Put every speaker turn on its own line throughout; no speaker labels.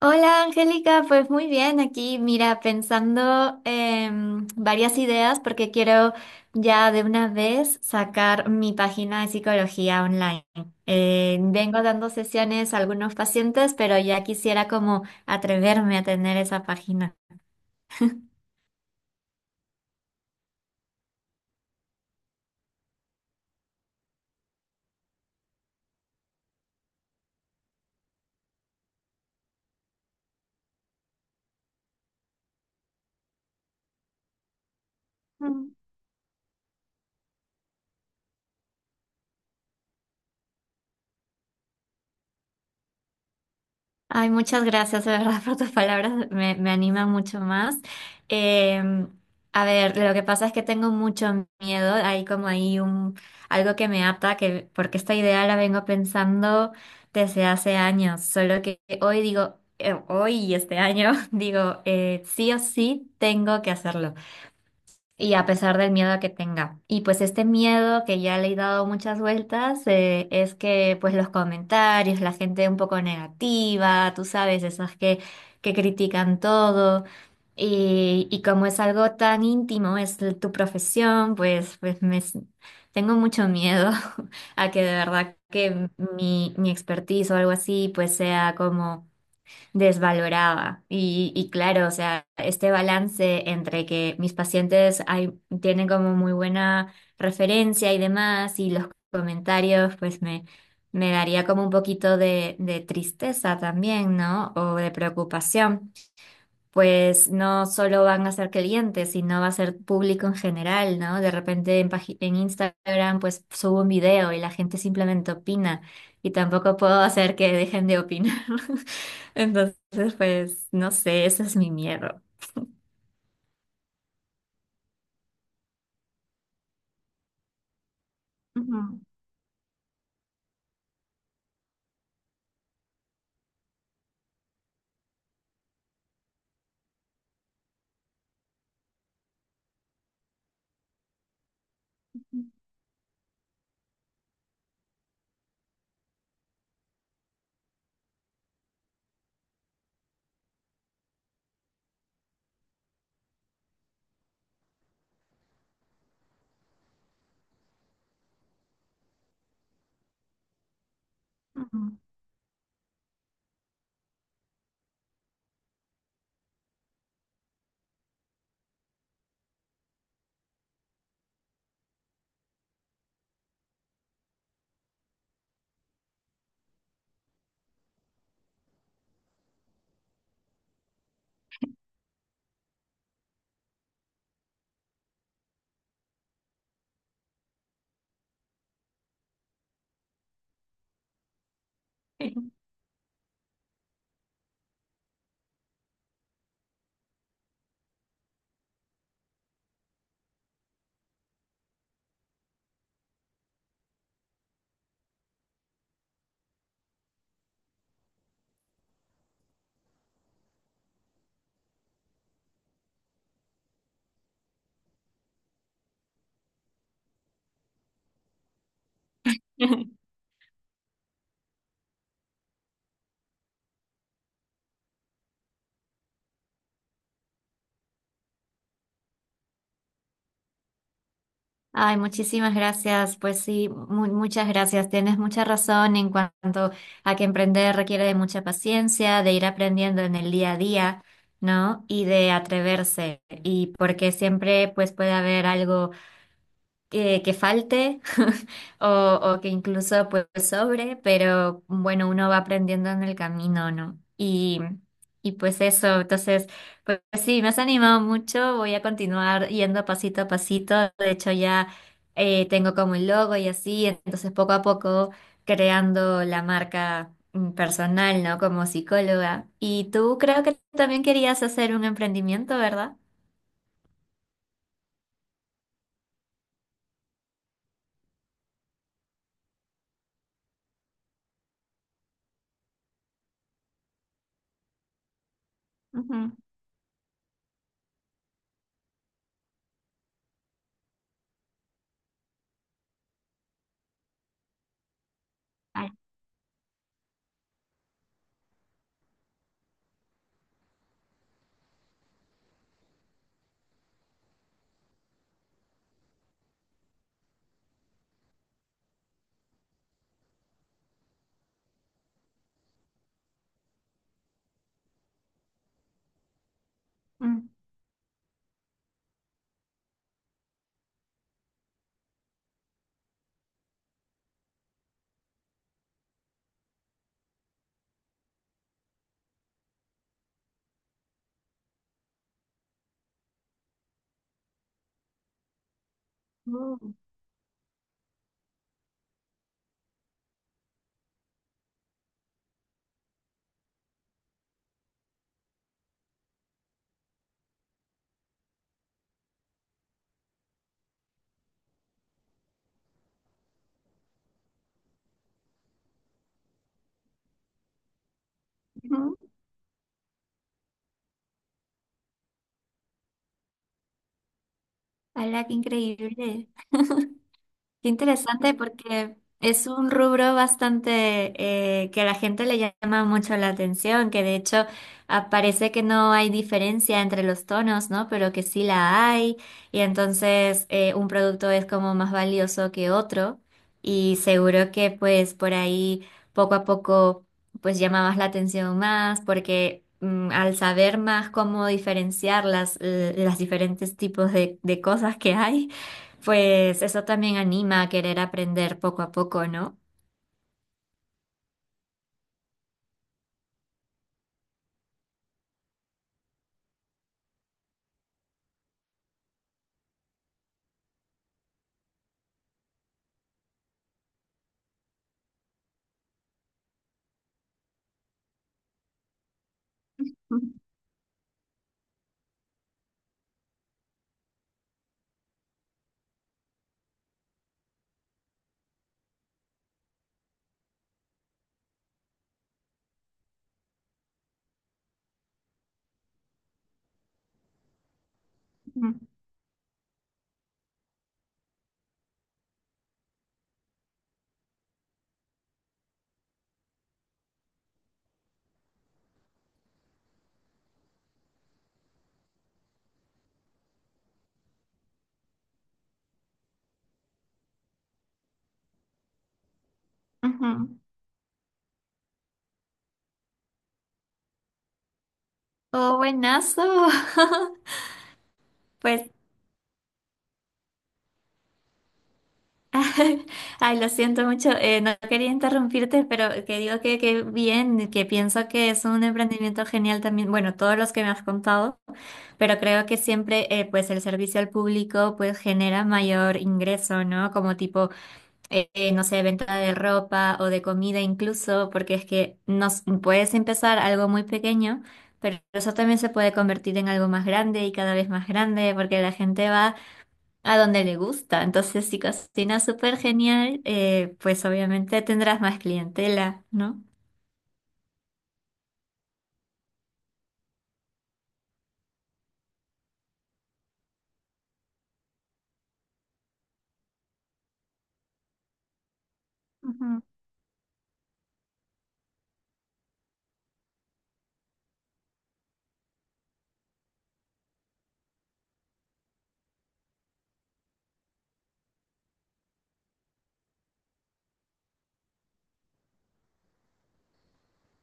Hola Angélica, pues muy bien, aquí mira, pensando en varias ideas porque quiero ya de una vez sacar mi página de psicología online. Vengo dando sesiones a algunos pacientes, pero ya quisiera como atreverme a tener esa página. Ay, muchas gracias, de verdad, por tus palabras, me anima mucho más. Eh, a ver, lo que pasa es que tengo mucho miedo, hay como ahí algo que me ata, porque esta idea la vengo pensando desde hace años, solo que hoy digo, hoy y este año digo, sí o sí tengo que hacerlo. Y a pesar del miedo que tenga. Y pues este miedo que ya le he dado muchas vueltas es que pues los comentarios, la gente un poco negativa, tú sabes, esas que critican todo. Y como es algo tan íntimo, es tu profesión, pues tengo mucho miedo a que de verdad que mi expertise o algo así pues sea como desvaloraba. Y claro, o sea, este balance entre que mis pacientes hay, tienen como muy buena referencia y demás, y los comentarios, me daría como un poquito de tristeza también, ¿no? O de preocupación pues no solo van a ser clientes, sino va a ser público en general, ¿no? De repente en, en Instagram pues subo un video y la gente simplemente opina y tampoco puedo hacer que dejen de opinar. Entonces, pues no sé, ese es mi miedo. Ujú, ujú. Ay, muchísimas gracias. Pues sí, muchas gracias. Tienes mucha razón en cuanto a que emprender requiere de mucha paciencia, de ir aprendiendo en el día a día, ¿no? Y de atreverse. Y porque siempre pues puede haber algo que falte o que incluso pues sobre, pero bueno, uno va aprendiendo en el camino, ¿no? Y pues eso, entonces, pues sí, me has animado mucho, voy a continuar yendo pasito a pasito, de hecho ya tengo como el logo y así, entonces poco a poco creando la marca mm, personal, ¿no? Como psicóloga. Y tú creo que también querías hacer un emprendimiento, ¿verdad? Ujú. Ay. Mm. Mm. Ujú. Hola, qué increíble. Qué interesante porque es un rubro bastante que a la gente le llama mucho la atención, que de hecho aparece que no hay diferencia entre los tonos, ¿no? Pero que sí la hay y entonces un producto es como más valioso que otro y seguro que pues por ahí poco a poco pues llamabas la atención más porque mm, al saber más cómo diferenciar las diferentes tipos de cosas que hay pues eso también anima a querer aprender poco a poco, ¿no? Ujú, ujú. Oh, buenazo. Pues, ay, lo siento mucho. No quería interrumpirte, pero que digo que bien, que pienso que es un emprendimiento genial también. Bueno, todos los que me has contado, pero creo que siempre, pues el servicio al público, pues genera mayor ingreso, ¿no? Como tipo no sé, venta de ropa o de comida incluso, porque es que nos puedes empezar algo muy pequeño, pero eso también se puede convertir en algo más grande y cada vez más grande, porque la gente va a donde le gusta. Entonces, si cocinas súper genial, pues obviamente tendrás más clientela, ¿no? Ujú.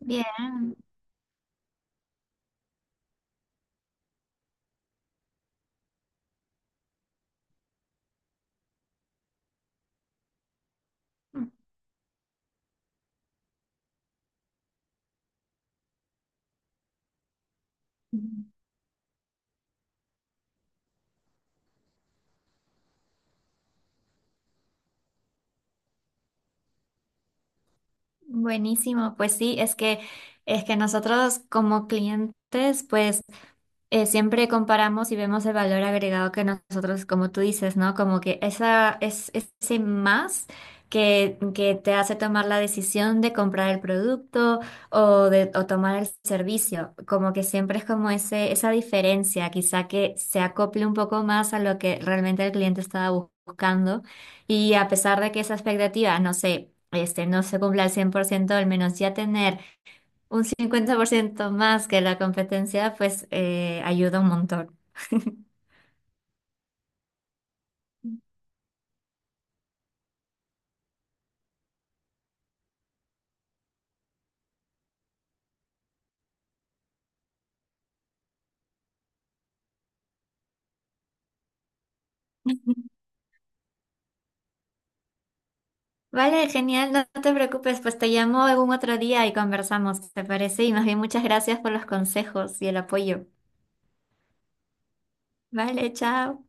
Bien. Buenísimo, pues sí, es que nosotros como clientes, pues siempre comparamos y vemos el valor agregado que nosotros, como tú dices, ¿no? Como que esa, es, ese más que te hace tomar la decisión de comprar el producto o de o tomar el servicio. Como que siempre es como ese, esa diferencia, quizá que se acople un poco más a lo que realmente el cliente estaba buscando. Y a pesar de que esa expectativa, no sé, este, no se cumpla al 100% al menos ya tener un 50% más que la competencia, pues ayuda un montón. Vale, genial, no no te preocupes, pues te llamo algún otro día y conversamos, ¿te parece? Y más bien muchas gracias por los consejos y el apoyo. Vale, chao.